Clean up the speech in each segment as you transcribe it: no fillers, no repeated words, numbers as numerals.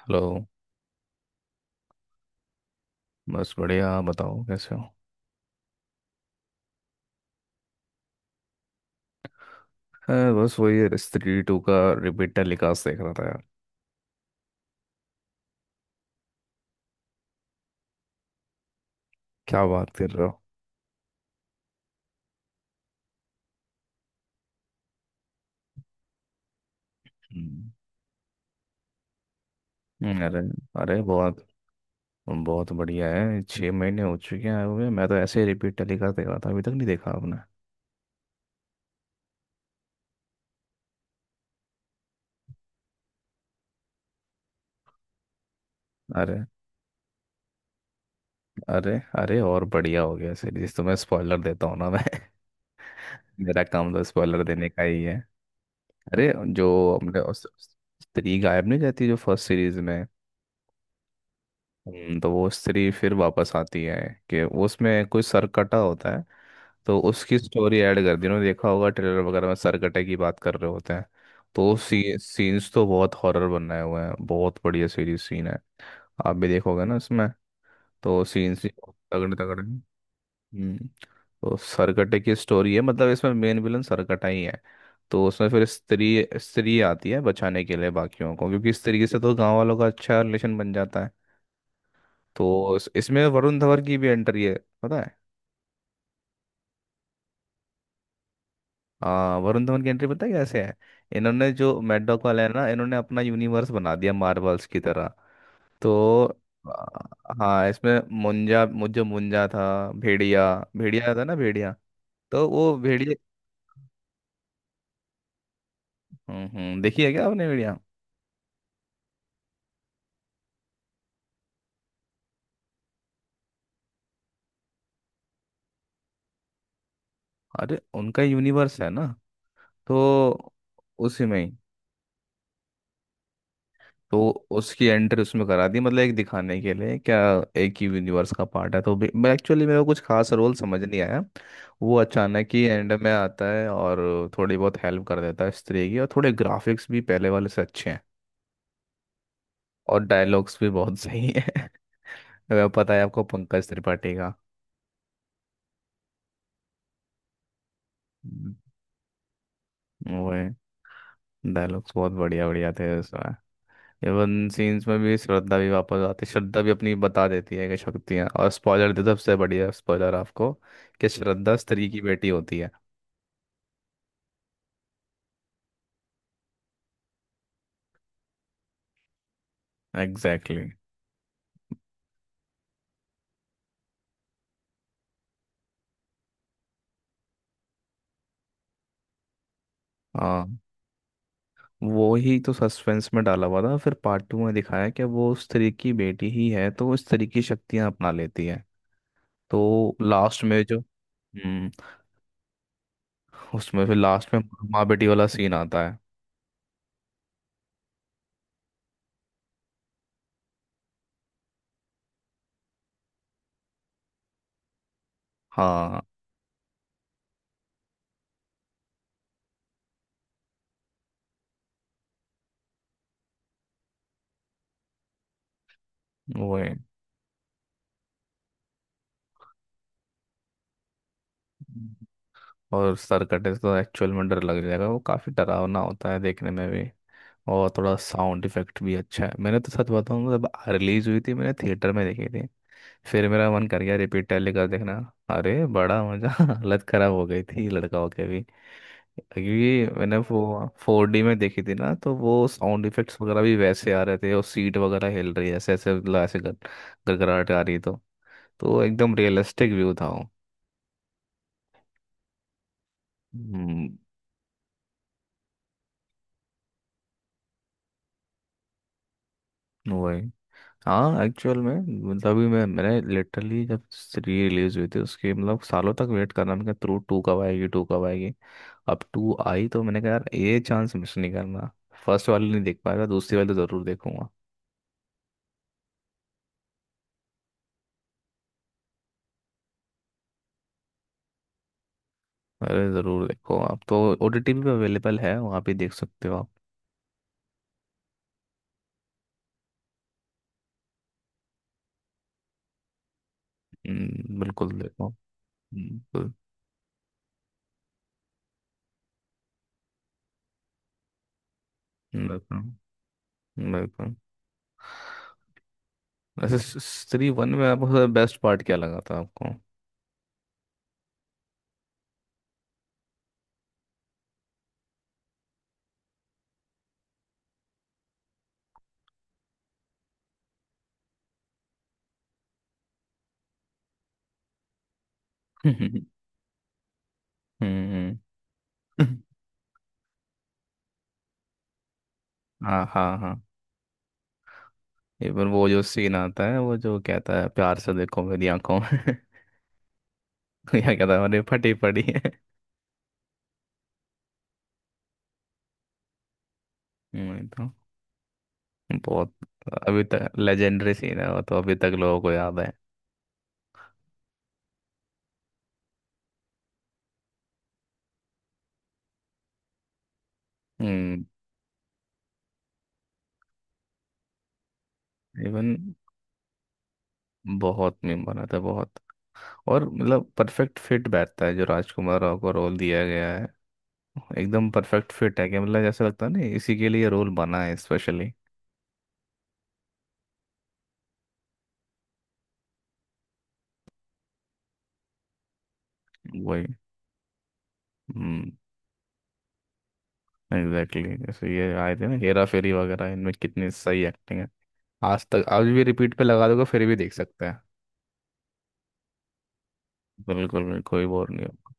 Hello. बस बढ़िया, आप बताओ कैसे हो। हाँ, बस वही स्त्री टू का रिपीटेड लिकास देख रहा था यार। क्या बात कर रहे हो। हम्म, अरे अरे बहुत बहुत बढ़िया है। 6 महीने हो चुके हैं आए हुए। मैं तो ऐसे ही रिपीट टेलीकास्ट देख रहा था। अभी तक नहीं देखा आपने। अरे, अरे, अरे और बढ़िया हो गया सीरीज। तो मैं स्पॉइलर देता हूँ ना, मैं। मेरा काम तो स्पॉइलर देने का ही है। अरे जो हमने स्त्री गायब नहीं जाती जो फर्स्ट सीरीज में। तो वो स्त्री फिर वापस आती है, कि उसमें कोई सरकटा होता है। तो उसकी स्टोरी ऐड कर दी उन्होंने। देखा होगा ट्रेलर वगैरह में सरकटे की बात कर रहे होते हैं। तो सीन्स तो बहुत हॉरर बनाए हुए हैं, बहुत बढ़िया सीरीज सीन है। आप भी देखोगे ना इसमें। तो सीन्स भी बहुत तगड़े तगड़े हैं। हम्म तो सरकटे की स्टोरी है, मतलब इसमें मेन विलन सरकटा ही है। तो उसमें फिर स्त्री स्त्री आती है बचाने के लिए बाकियों को, क्योंकि स्त्री से तो गांव वालों का अच्छा रिलेशन बन जाता है। तो इसमें वरुण धवन की भी एंट्री है, पता है। हाँ, वरुण धवन की एंट्री पता है कैसे है। इन्होंने जो मैड डॉग वाला है ना, इन्होंने अपना यूनिवर्स बना दिया मार्वल्स की तरह। तो आ, हाँ, इसमें मुंजा जो मुंजा था। भेड़िया भेड़िया था ना, भेड़िया। तो वो भेड़िया। हम्म, हम्म, देखी है क्या आपने भेड़िया। अरे, उनका यूनिवर्स है ना, तो उसी में ही। तो उसकी एंट्री उसमें करा दी, मतलब एक दिखाने के लिए क्या, एक ही यूनिवर्स का पार्ट है तो मैं एक्चुअली, मेरे को कुछ खास रोल समझ नहीं आया। वो अचानक ही एंड में आता है और थोड़ी बहुत हेल्प कर देता है स्त्री की, और थोड़े ग्राफिक्स भी पहले वाले से अच्छे हैं। और डायलॉग्स भी बहुत सही है। अगर पता है आपको पंकज त्रिपाठी का। हम्म, वो है, डायलॉग्स बहुत बढ़िया बढ़िया थे। एवन सीन्स में भी श्रद्धा भी वापस आती है, श्रद्धा भी अपनी बता देती है कि शक्तियाँ। और स्पॉइलर दे सबसे बढ़िया स्पॉइलर आपको, कि श्रद्धा स्त्री की बेटी होती है। Exactly exactly। हाँ, वो ही तो सस्पेंस में डाला हुआ था, फिर पार्ट टू में दिखाया कि वो स्त्री की बेटी ही है, तो वो स्त्री की शक्तियाँ अपना लेती है। तो लास्ट में जो उसमें फिर लास्ट में माँ बेटी वाला सीन आता है। हाँ वो है। और सर कटे तो एक्चुअल में डर लग जाएगा, वो काफी डरावना होता है देखने में भी। और थोड़ा साउंड इफेक्ट भी अच्छा है। मैंने तो सच बताऊँ, जब रिलीज हुई थी मैंने थिएटर में देखी थी, फिर मेरा मन कर गया रिपीट टेलीकास्ट देखना। अरे बड़ा मज़ा हालत ख़राब हो गई थी लड़का होके भी। क्योंकि मैंने वो 4D में देखी थी ना, तो वो साउंड इफेक्ट्स वगैरह भी वैसे आ रहे थे और सीट वगैरह हिल रही है ऐसे ऐसे, मतलब ऐसे गड़गड़ाहट आ रही तो एकदम रियलिस्टिक व्यू था वो। हम्म, वही। हाँ, एक्चुअल में, मतलब अभी मैंने लिटरली जब री रिलीज हुई थी उसके, मतलब सालों तक वेट करना, मैंने कहा टू टू कब आएगी, टू कब आएगी। अब टू आई तो मैंने कहा यार, ये चांस मिस नहीं करना। फर्स्ट वाली नहीं देख पाया था, दूसरी वाली तो ज़रूर देखूंगा। अरे ज़रूर देखो आप तो। OTT पे अवेलेबल है, वहाँ पे देख सकते हो आप। बिल्कुल देखो। बिल्कुल, बिल्कुल, बिल्कुल। ऐसे स्त्री वन में आपको बेस्ट पार्ट क्या लगा था आपको। हम्म, हाँ, हाँ, हाँ। इवन वो जो सीन आता है, वो जो कहता है प्यार से देखो मेरी आंखों में। या कहता है अरे फटी पड़ी है। तो बहुत, अभी तक लेजेंडरी सीन है वो, तो अभी तक लोगों को याद है। हम्म इवन बहुत मीम बना था, बहुत, और मतलब परफेक्ट फिट बैठता है जो राजकुमार राव को रोल दिया गया है। एकदम परफेक्ट फिट है कि मतलब, जैसे लगता है ना, इसी के लिए रोल बना है स्पेशली। वही। हम्म एग्जैक्टली जैसे ये आए थे ना हेरा फेरी वगैरह, इनमें कितनी सही एक्टिंग है। आज तक आज भी रिपीट पे लगा दोगे फिर भी देख सकते हैं। बिल्कुल, बिल्कुल, कोई बोर नहीं होगा।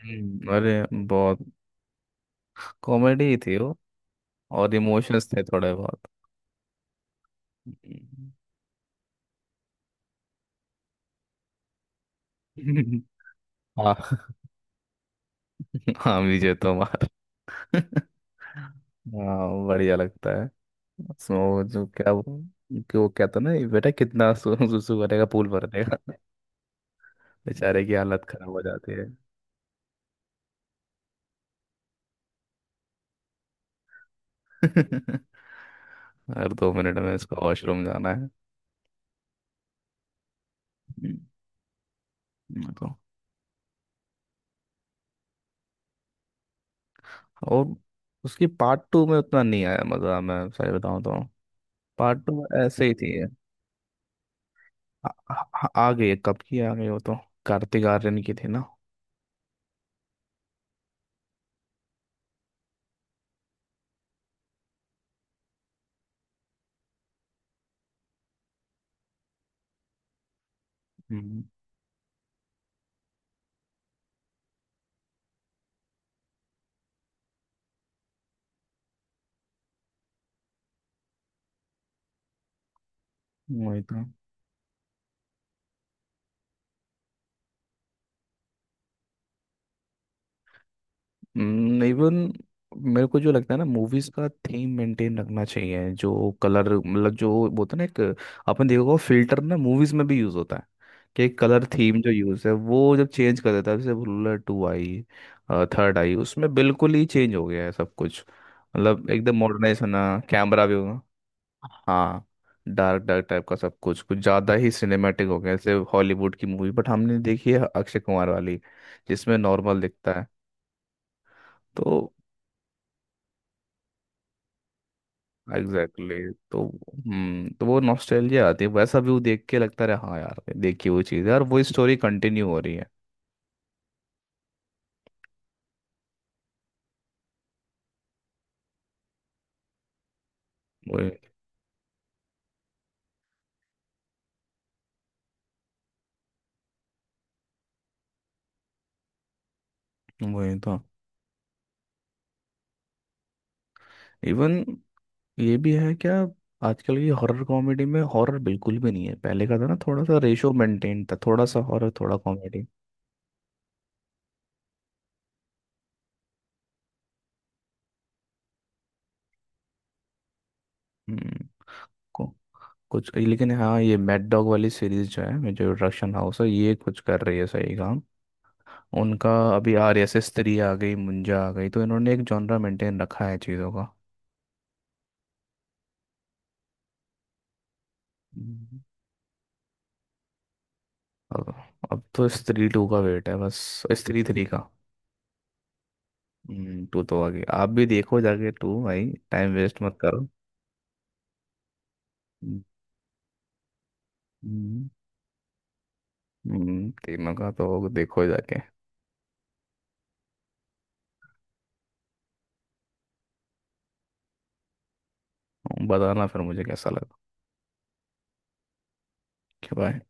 अरे बहुत कॉमेडी थी वो, और इमोशंस थे थोड़े बहुत। हम्म, हाँ, हाँ, विजय तोमार। हाँ बढ़िया लगता है। उसमें वो जो क्या वो, कि वो कहता ना, ये बेटा कितना सुसु करेगा, पूल भर देगा। बेचारे की हालत खराब हो जाती है। हर 2 मिनट में इसको वॉशरूम जाना है। हम्म, और उसकी पार्ट टू में उतना नहीं आया मज़ा, मैं सही बताऊँ तो, पार्ट टू ऐसे ही थी। आ गई है, कब की आ गई वो तो। कार्तिक आर्यन की थी ना। हम्म, वही तो। इवन मेरे को जो लगता है ना, मूवीज का थीम मेंटेन रखना चाहिए, जो कलर, मतलब जो बोलते हैं ना एक, आपने देखा होगा फिल्टर ना, मूवीज में भी यूज होता है कि कलर थीम जो यूज है वो जब चेंज कर देता है, जैसे ruler two eye, third eye उसमें बिल्कुल ही चेंज हो गया है सब कुछ, मतलब एकदम मॉडर्नाइज होना कैमरा भी होगा। हाँ, डार्क डार्क टाइप का सब कुछ, कुछ ज़्यादा ही सिनेमैटिक हो गया, जैसे हॉलीवुड की मूवी। बट हमने देखी है अक्षय कुमार वाली, जिसमें नॉर्मल दिखता है, तो एग्जैक्टली exactly। तो वो नॉस्टैल्जिया आती है, वैसा व्यू देख के लगता रहा हाँ यार, देखी वो चीज़ है और वो स्टोरी कंटिन्यू हो रही है। वही, वही तो। इवन ये भी है क्या, आजकल की हॉरर कॉमेडी में हॉरर बिल्कुल भी नहीं है, पहले का था ना थोड़ा सा रेशो मेंटेन, था थोड़ा सा हॉरर थोड़ा कॉमेडी। हम्म को, कुछ लेकिन हाँ, ये मैड डॉग वाली सीरीज जो है, जो प्रोडक्शन हाउस है, ये कुछ कर रही है सही काम। उनका अभी RSS 3 आ गई, मुंजा आ गई, तो इन्होंने एक जॉनरा मेंटेन रखा है चीज़ों का। हम्म। अब अब तो स्त्री टू का वेट है बस, स्त्री थ्री का। टू तो आगे आप भी देखो जाके, टू भाई, टाइम वेस्ट मत करो। हम्म, हम्म, तीनों का तो देखो जाके। बताना फिर मुझे कैसा लगा। Okay, bye.